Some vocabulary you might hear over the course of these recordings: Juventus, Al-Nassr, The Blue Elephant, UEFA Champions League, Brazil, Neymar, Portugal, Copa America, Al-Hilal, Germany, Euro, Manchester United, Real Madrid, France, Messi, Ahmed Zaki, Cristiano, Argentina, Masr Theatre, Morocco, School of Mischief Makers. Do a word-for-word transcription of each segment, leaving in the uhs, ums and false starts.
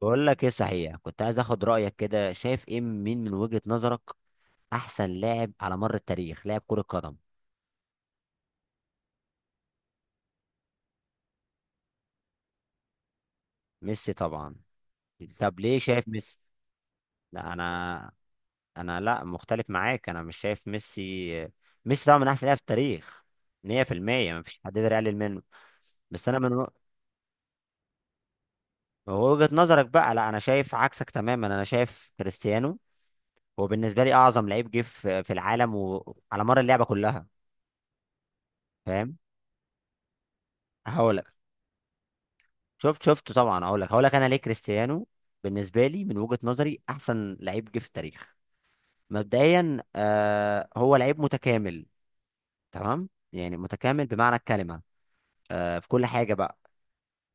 بقول لك ايه؟ صحيح كنت عايز اخد رايك، كده شايف ايه؟ مين من وجهه نظرك احسن لاعب على مر التاريخ، لاعب كره قدم؟ ميسي طبعا. طب ليه شايف ميسي؟ لا انا. انا لا مختلف معاك، انا مش شايف ميسي. ميسي طبعا من احسن لاعب في التاريخ. ميه في الميه ما فيش حد يقدر يقلل منه. بس انا من و- وجهه نظرك بقى. لا، انا شايف عكسك تماما، انا شايف كريستيانو. هو بالنسبه لي اعظم لعيب جه في في العالم وعلى مر اللعبه كلها. فاهم؟ هقول. شفت شفت طبعا، اقول لك، هقول لك انا ليه كريستيانو. بالنسبه لي، من وجهه نظري، احسن لعيب جه في التاريخ. مبدئيا آه هو لعيب متكامل. تمام، يعني متكامل بمعنى الكلمه. آه في كل حاجه بقى.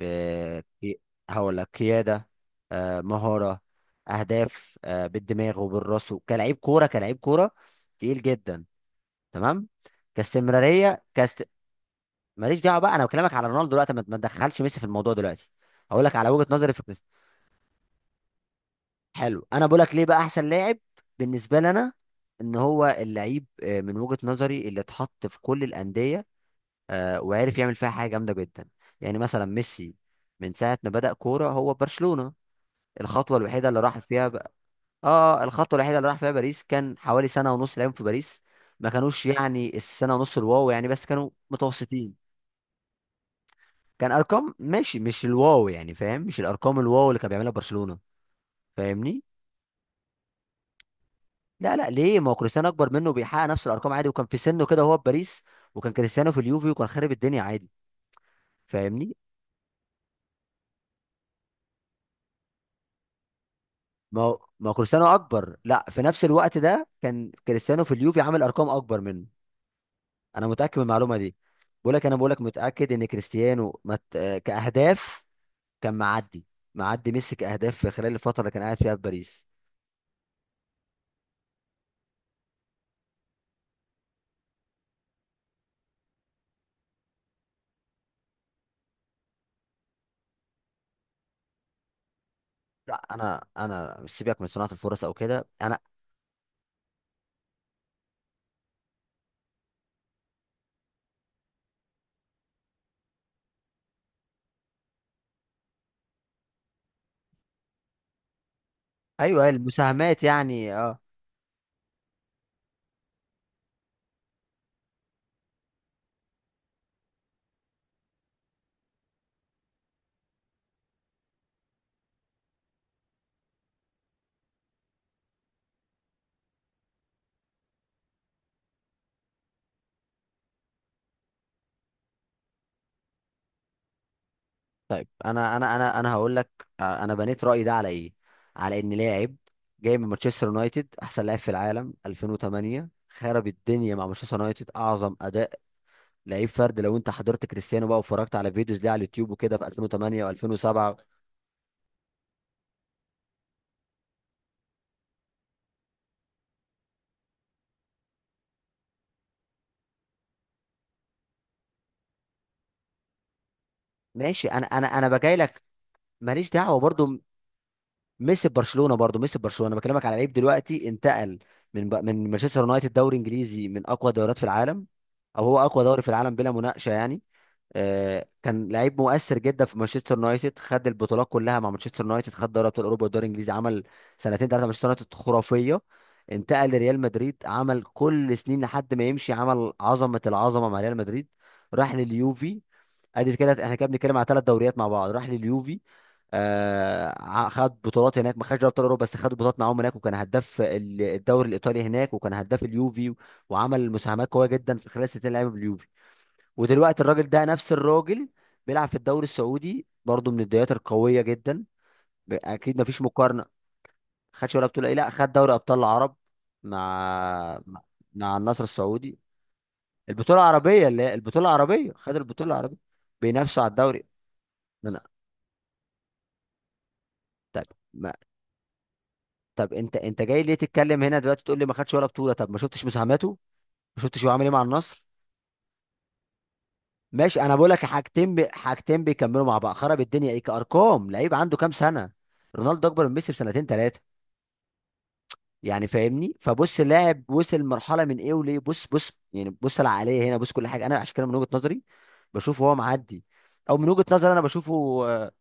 ب- في- هقول لك: قياده، آه مهاره، اهداف، آه بالدماغ وبالراس، كلاعب كوره، كلاعب كوره تقيل جدا، تمام. كاستمراريه، كاست ماليش دعوه بقى، انا بكلمك على رونالدو دلوقتي، ما ما تدخلش ميسي في الموضوع دلوقتي. هقول لك على وجهه نظري في كريستيانو. حلو، انا بقولك ليه بقى احسن لاعب بالنسبه لنا. ان هو اللعيب، آه، من وجهه نظري، اللي اتحط في كل الانديه، آه، وعرف يعمل فيها حاجه جامده جدا. يعني مثلا ميسي، من ساعه ما بدأ كوره هو برشلونه، الخطوه الوحيده اللي راح فيها بقى، اه، الخطوه الوحيده اللي راح فيها باريس، كان حوالي سنه ونص لعب في باريس. ما كانوش يعني، السنه ونص الواو يعني بس، كانوا متوسطين. كان ارقام ماشي، مش الواو يعني، فاهم؟ مش الارقام الواو اللي كان بيعملها برشلونه. فاهمني؟ لا لا، ليه؟ ما هو كريستيانو اكبر منه وبيحقق نفس الارقام عادي، وكان في سنه كده وهو في باريس، وكان كريستيانو في اليوفي وكان خارب الدنيا عادي. فاهمني؟ ما هو ما هو كريستيانو اكبر، لا، في نفس الوقت ده كان كريستيانو في اليوفي عامل ارقام اكبر منه. انا متاكد من المعلومه دي. بقول لك، انا بقول لك متاكد ان كريستيانو مت... آه، كاهداف كان معدي. معدي ميسي كاهداف في خلال الفتره اللي كان قاعد فيها في باريس. لا، انا انا مش سيبك من صناعه الفرص او كده انا. ايوه، المساهمات يعني، اه. طيب، انا انا انا انا هقول لك، آه، انا بنيت رايي ده على ايه؟ على ان لاعب جاي من مانشستر يونايتد، احسن لاعب في العالم الفين وتمانيه، خرب الدنيا مع مانشستر يونايتد، اعظم اداء لعيب فرد. لو انت حضرت كريستيانو بقى واتفرجت على فيديوز ليه على اليوتيوب وكده في الفين وتمانيه و2007. ماشي، انا انا انا بجاي لك، ماليش دعوه برضو. ميسي في برشلونه، برضو ميسي في برشلونه، انا بكلمك على لعيب دلوقتي انتقل من ب... من مانشستر يونايتد، دوري انجليزي من اقوى دوريات في العالم، او هو اقوى دوري في العالم بلا مناقشه يعني. آه، كان لعيب مؤثر جدا في مانشستر يونايتد، خد البطولات كلها مع مانشستر يونايتد، خد دوري ابطال اوروبا والدوري الانجليزي، عمل سنتين ثلاثه مانشستر يونايتد خرافيه. انتقل لريال مدريد، عمل كل سنين لحد ما يمشي، عمل عظمه العظمه مع ريال مدريد. راح لليوفي، ادي كده احنا كده بنتكلم على ثلاث دوريات مع بعض. راح لليوفي، آه ع- خد بطولات هناك، ما خدش دوري ابطال اوروبا بس خد بطولات معاهم هناك، وكان هداف ال- الدوري الايطالي هناك، وكان هداف اليوفي، وعمل مساهمات قويه جدا في خلال سنتين لعيبه باليوفي. ودلوقتي الراجل ده، نفس الراجل، بيلعب في الدوري السعودي برضه، من الدوريات القويه جدا. ب- اكيد مفيش مقارنه. خدش ولا بطوله ايه؟ لا، خد دوري ابطال العرب مع مع مع النصر السعودي. البطوله العربيه، اللي هي البطوله العربيه، خد البطوله العربيه. بينافسوا على الدوري. انا طب ما طب انت انت جاي ليه تتكلم هنا دلوقتي؟ تقول لي ما خدش ولا بطوله؟ طب ما شفتش مساهماته؟ ما شفتش هو عامل ايه مع النصر؟ ماشي، انا بقول لك حاجتين، بي... حاجتين بيكملوا مع بعض. خرب الدنيا ايه كارقام؟ لعيب عنده كام سنه؟ رونالدو اكبر من ميسي بسنتين ثلاثه. يعني فاهمني؟ فبص، اللاعب وصل مرحله من ايه وليه. بص بص يعني، بص العقليه هنا، بص كل حاجه. انا عشان كده من وجهه نظري بشوفه هو معدي، او من وجهه نظري انا بشوفه. آه،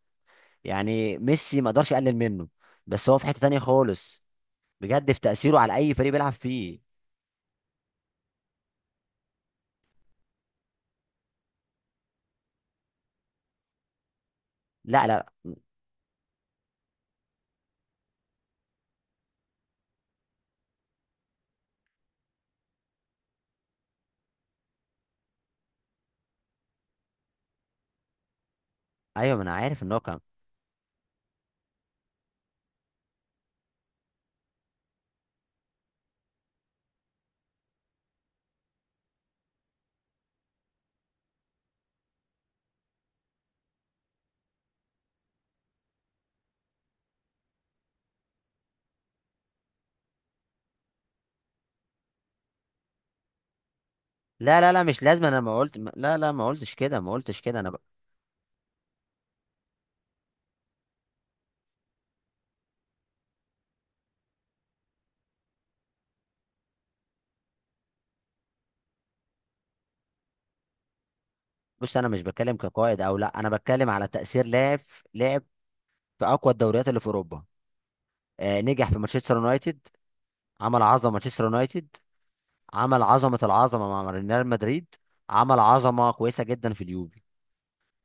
يعني ميسي ما اقدرش اقلل منه، بس هو في حته تانية خالص بجد، في تاثيره على اي فريق بيلعب فيه. لا لا. ايوه، ما انا عارف ان هو كان. لا لا لا، مش لازم، انا ما قلت. لا لا، ما قلتش كده، ما قلتش كده، انا ب... بص، انا مش بتكلم كقائد او لا، انا بتكلم على تاثير لاعب، لاعب في اقوى الدوريات اللي في اوروبا. آه نجح في مانشستر يونايتد، عمل عظمه مانشستر يونايتد، عمل عظمه العظمه مع ريال مدريد، عمل عظمه كويسه جدا في اليوفي.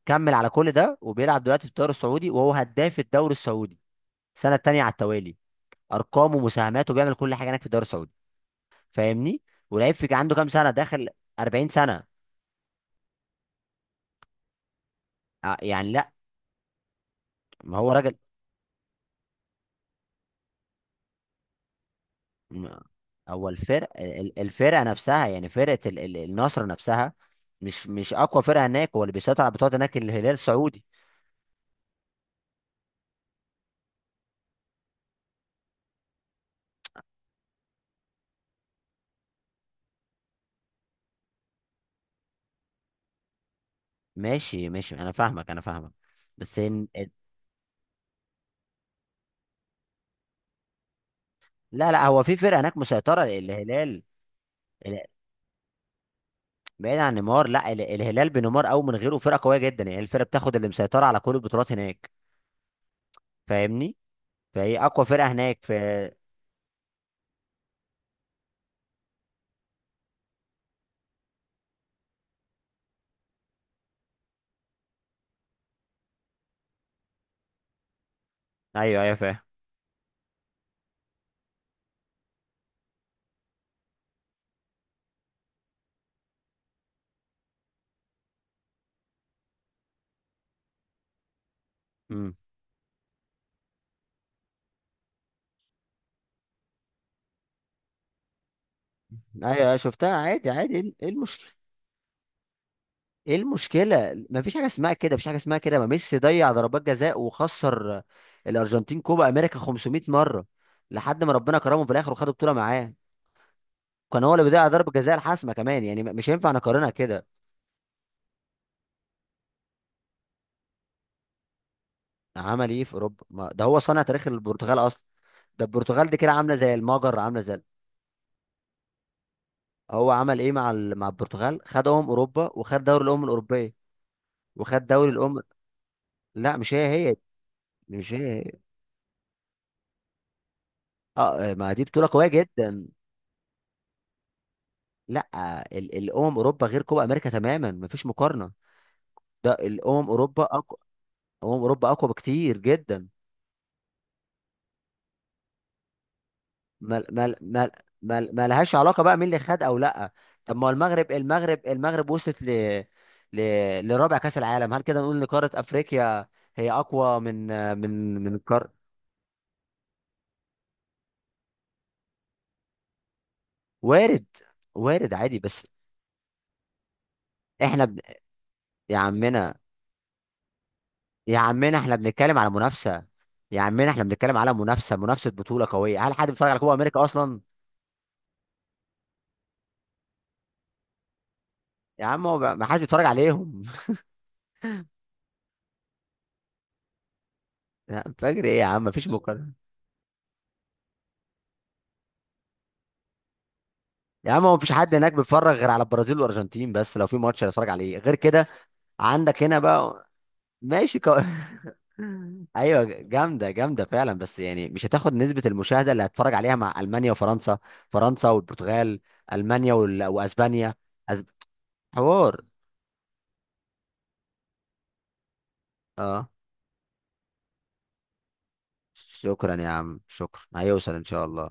كمل على كل ده، وبيلعب دلوقتي في الدوري السعودي وهو هداف الدوري السعودي السنه التانيه على التوالي. ارقامه ومساهماته، بيعمل كل حاجه هناك في الدوري السعودي. فاهمني؟ ولعيب في عنده كام سنه داخل؟ اربعين سنه! ع- يعني لا، ما هو راجل، م- هو الفرق ال- الفرقه نفسها، يعني فرقه ال- ال- النصر نفسها. مش مش اقوى فرقه هناك، هو اللي بيسيطر على البطولات هناك الهلال السعودي. ماشي ماشي، انا فاهمك انا فاهمك، بس إن... ال- لا لا، هو في فرقه هناك مسيطره، الهلال. ال- بعيد عن نيمار، لا ال- الهلال بنيمار او من غيره فرقه قويه جدا، يعني الفرقه بتاخد اللي مسيطره على كل البطولات هناك. فاهمني؟ فهي اقوى فرقه هناك في. ايوه، ايوه فاهم. امم. ايوه، أيوة، شفتها عادي عادي. ايه؟ إيه المشكله؟ ايه المشكله؟ ما فيش حاجه اسمها كده، مفيش حاجه اسمها كده. ما ميسي ضيع ضربات جزاء وخسر الارجنتين كوبا امريكا خمسمائة مره، لحد ما ربنا كرمه في الاخر وخد بطوله معاه. كان هو اللي بيضيع ضربة جزاء الحاسمة كمان يعني، م- مش ينفع نقارنها كده. عمل ايه في اوروبا؟ ما ده هو صانع تاريخ البرتغال اصلا. ده البرتغال دي كده عاملة زي المجر، عاملة زي. هو عمل ايه مع ال... مع البرتغال؟ خدهم اوروبا وخد دوري الامم الاوروبيه، وخد دوري الامم. لا، مش هي هي، مش هي هي، اه، آه، ما دي بطوله قويه جدا. لا، ال... الامم اوروبا غير كوبا امريكا تماما، مفيش مقارنه. ده الامم اوروبا اقوى، امم اوروبا اقوى بكتير جدا. ما ما ما ما ما لهاش علاقه بقى مين اللي خد او لا. طب ما هو المغرب، المغرب المغرب وصلت ل... ل... لرابع كاس العالم. هل كده نقول ان قاره افريقيا هي اقوى من من من قار. وارد. وارد عادي بس، احنا ب... يا عمنا، يا عمنا، احنا بنتكلم على منافسه. يا عمنا، احنا بنتكلم على منافسه، منافسه بطوله قويه. هل حد بيتفرج على كوبا امريكا اصلا؟ يا عم، هو ما حدش بيتفرج عليهم. يا عم فجر ايه يا عم، مفيش مقارنه. يا عم، هو مفيش حد هناك بيتفرج غير على البرازيل والارجنتين بس، لو في ماتش هيتفرج عليه غير كده. عندك هنا بقى. ماشي، كو... ايوه، جامده جامده فعلا بس يعني، مش هتاخد نسبه المشاهده اللي هتتفرج عليها مع المانيا وفرنسا، فرنسا والبرتغال، المانيا وال... واسبانيا. أسب... حوار. اه، شكرا يا عم، شكرا، هيوصل ان شاء الله.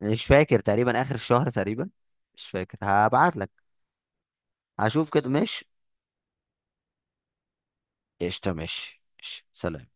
مش فاكر، تقريبا اخر الشهر تقريبا، مش فاكر، هبعت لك. هشوف كده ماشي. قشطه، ماشي ماشي. سلام.